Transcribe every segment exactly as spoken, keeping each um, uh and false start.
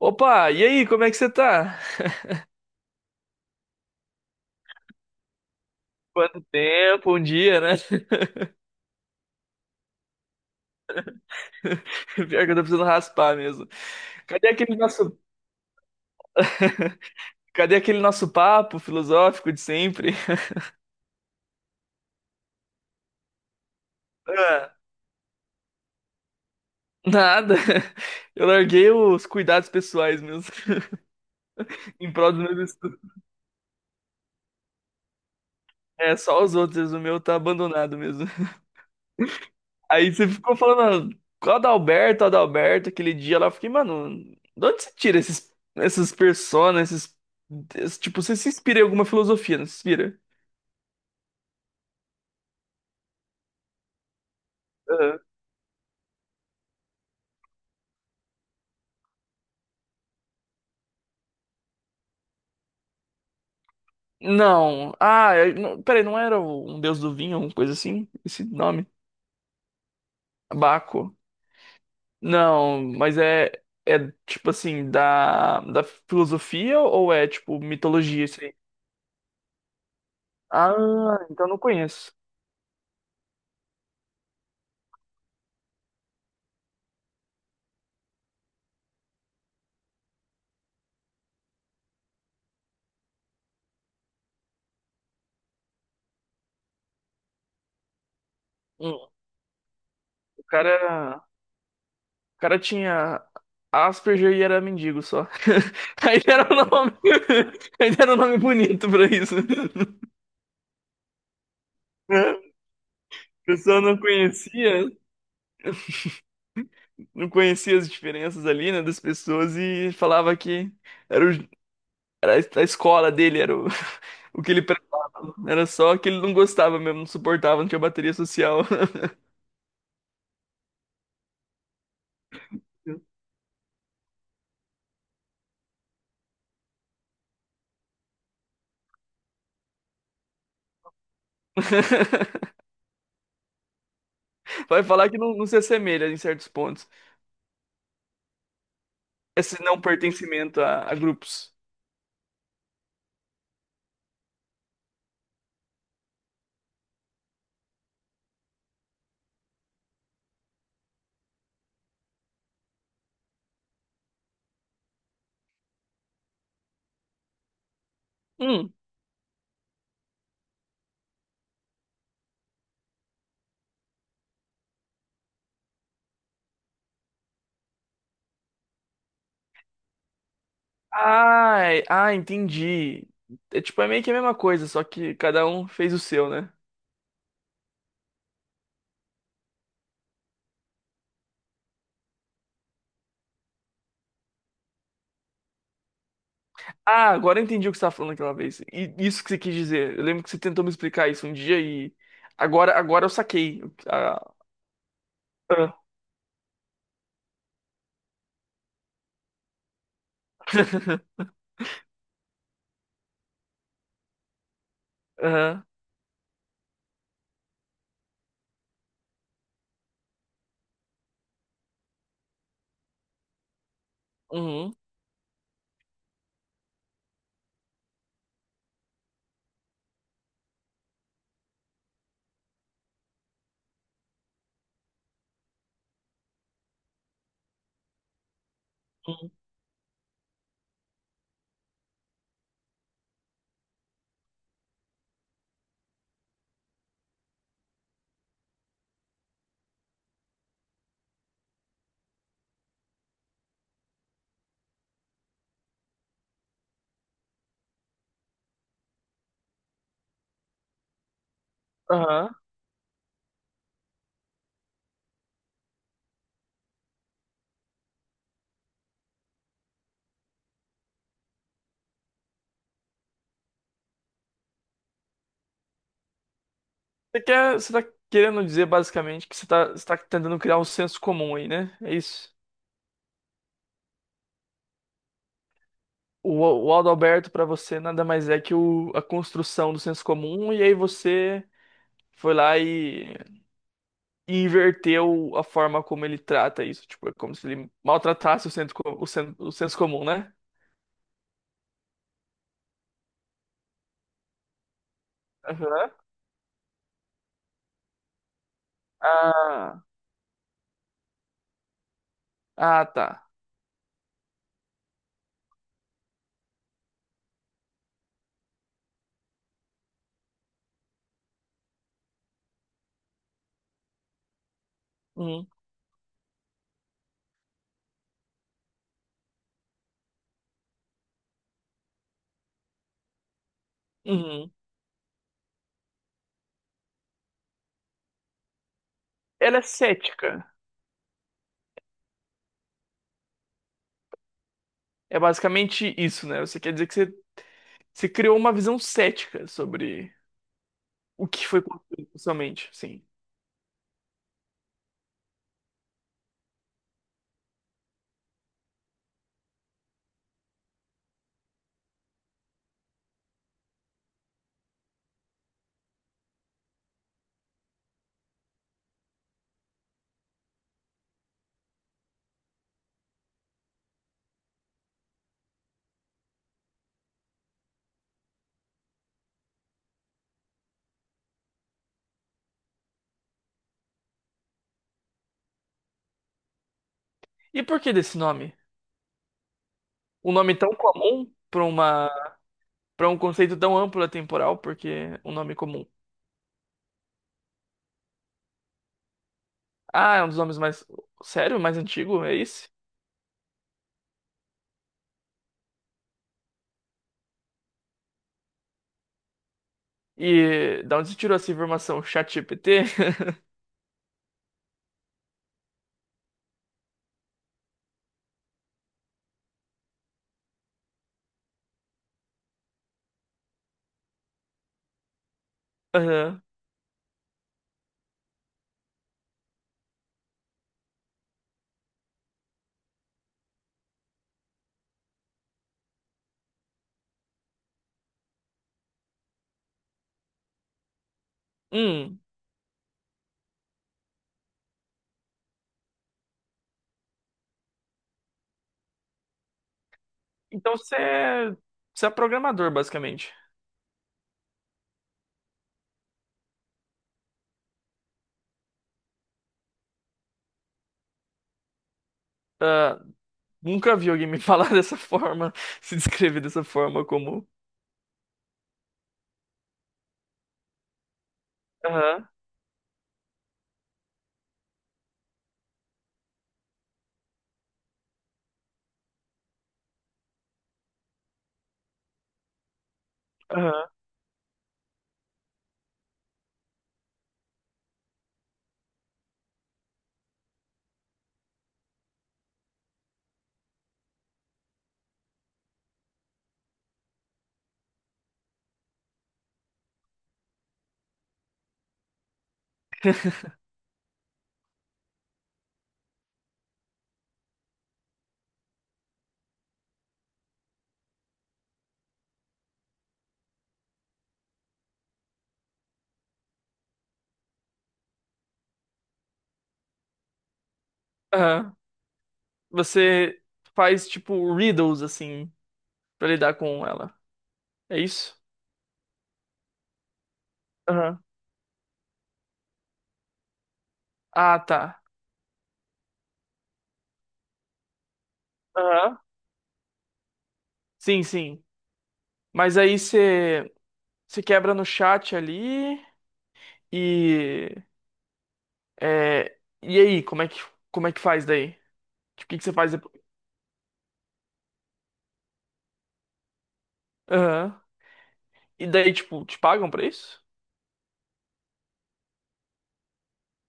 Opa, e aí, como é que você tá? Quanto tempo, um dia, né? Pior que eu tô precisando raspar mesmo. Cadê aquele nosso, cadê aquele nosso papo filosófico de sempre? Ah, nada. Eu larguei os cuidados pessoais mesmo, em prol dos meus estudos. É, só os outros, o meu tá abandonado mesmo. Aí você ficou falando, "Ah, qual Adalberto, Adalberto, aquele dia lá, eu fiquei, mano, de onde você tira esses, essas personas, esses, esse- tipo, você se inspira em alguma filosofia, não se inspira?" Aham. Não. Ah, é- não, peraí, não era o- um deus do vinho, uma coisa assim? Esse nome? Baco. Não, mas é, é tipo assim, da, da filosofia ou é tipo mitologia isso aí? Ah, então não conheço. Hum, O cara, o cara tinha Asperger e era mendigo só. Aí era o nome, aí era um nome bonito pra isso. A pessoa não conhecia. não conhecia as diferenças ali, né, das pessoas e falava que era, o- era a escola dele, era o, o que ele prestava. Era só que ele não gostava mesmo, não suportava, não tinha bateria social. Vai falar que não, não se assemelha em certos pontos, esse não pertencimento a, a grupos. Hum. Ah, ah, entendi. É tipo, é meio que a mesma coisa, só que cada um fez o seu, né? Ah, agora eu entendi o que você estava falando aquela vez. E isso que você quis dizer. Eu lembro que você tentou me explicar isso um dia e agora, agora eu saquei. Ah, ah. Aham. Uhum. Uhum. Aham. Você quer, você tá querendo dizer basicamente que você tá, você tá tentando criar um senso comum aí, né? É isso. O, o Aldo Alberto para você nada mais é que o, a construção do senso comum e aí você foi lá e, e inverteu a forma como ele trata isso. Tipo, é como se ele maltratasse o senso, co- o sen- o senso comum, né? Aham. Ah, ah, tá. Uhum. Uhum. Ela é cética. É basicamente isso, né? Você quer dizer que você, você criou uma visão cética sobre o que foi construído socialmente, sim. E por que desse nome? Um nome tão comum para uma para um conceito tão amplo e temporal, porque é um nome comum. Ah, é um dos nomes mais sério, mais antigo, é esse? E da onde você tirou essa informação? ChatGPT? Aham. Hum. Então você é, você é programador, basicamente. Ah, nunca vi alguém me falar dessa forma, se descrever dessa forma como. Aham, aham, aham. Você faz tipo riddles assim pra lidar com ela. É isso? Aham. Ah, tá. Aham. Sim, sim. Mas aí você você quebra no chat ali e é, e aí, como é que como é que faz daí? Tipo, o que que você faz depois? Aham. E daí, tipo, te pagam pra isso?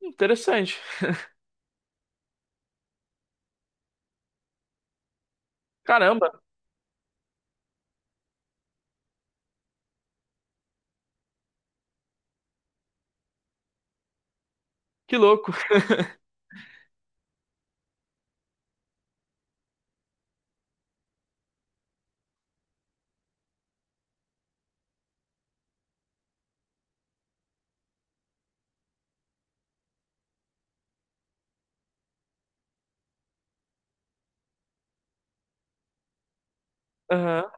Interessante. Caramba, que louco. Aham.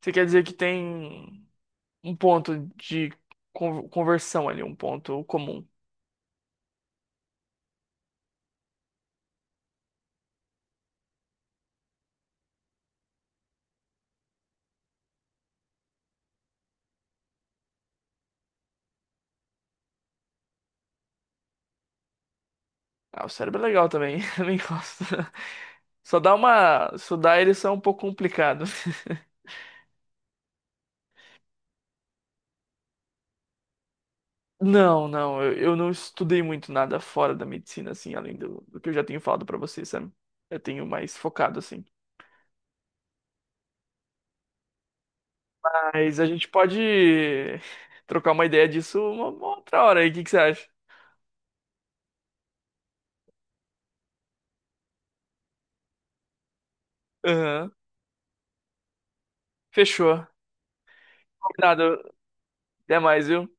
Você quer dizer que tem um ponto de con- conversão ali, um ponto comum. Ah, o cérebro é legal também, também gosto. Só dá uma. Só dá ereção um pouco complicado. Não, não, eu, eu não estudei muito nada fora da medicina, assim, além do, do que eu já tenho falado pra você, sabe? Eu tenho mais focado, assim. Mas a gente pode trocar uma ideia disso uma, uma outra hora aí, o que que você acha? Aham, Fechou. Combinado. Até mais, viu?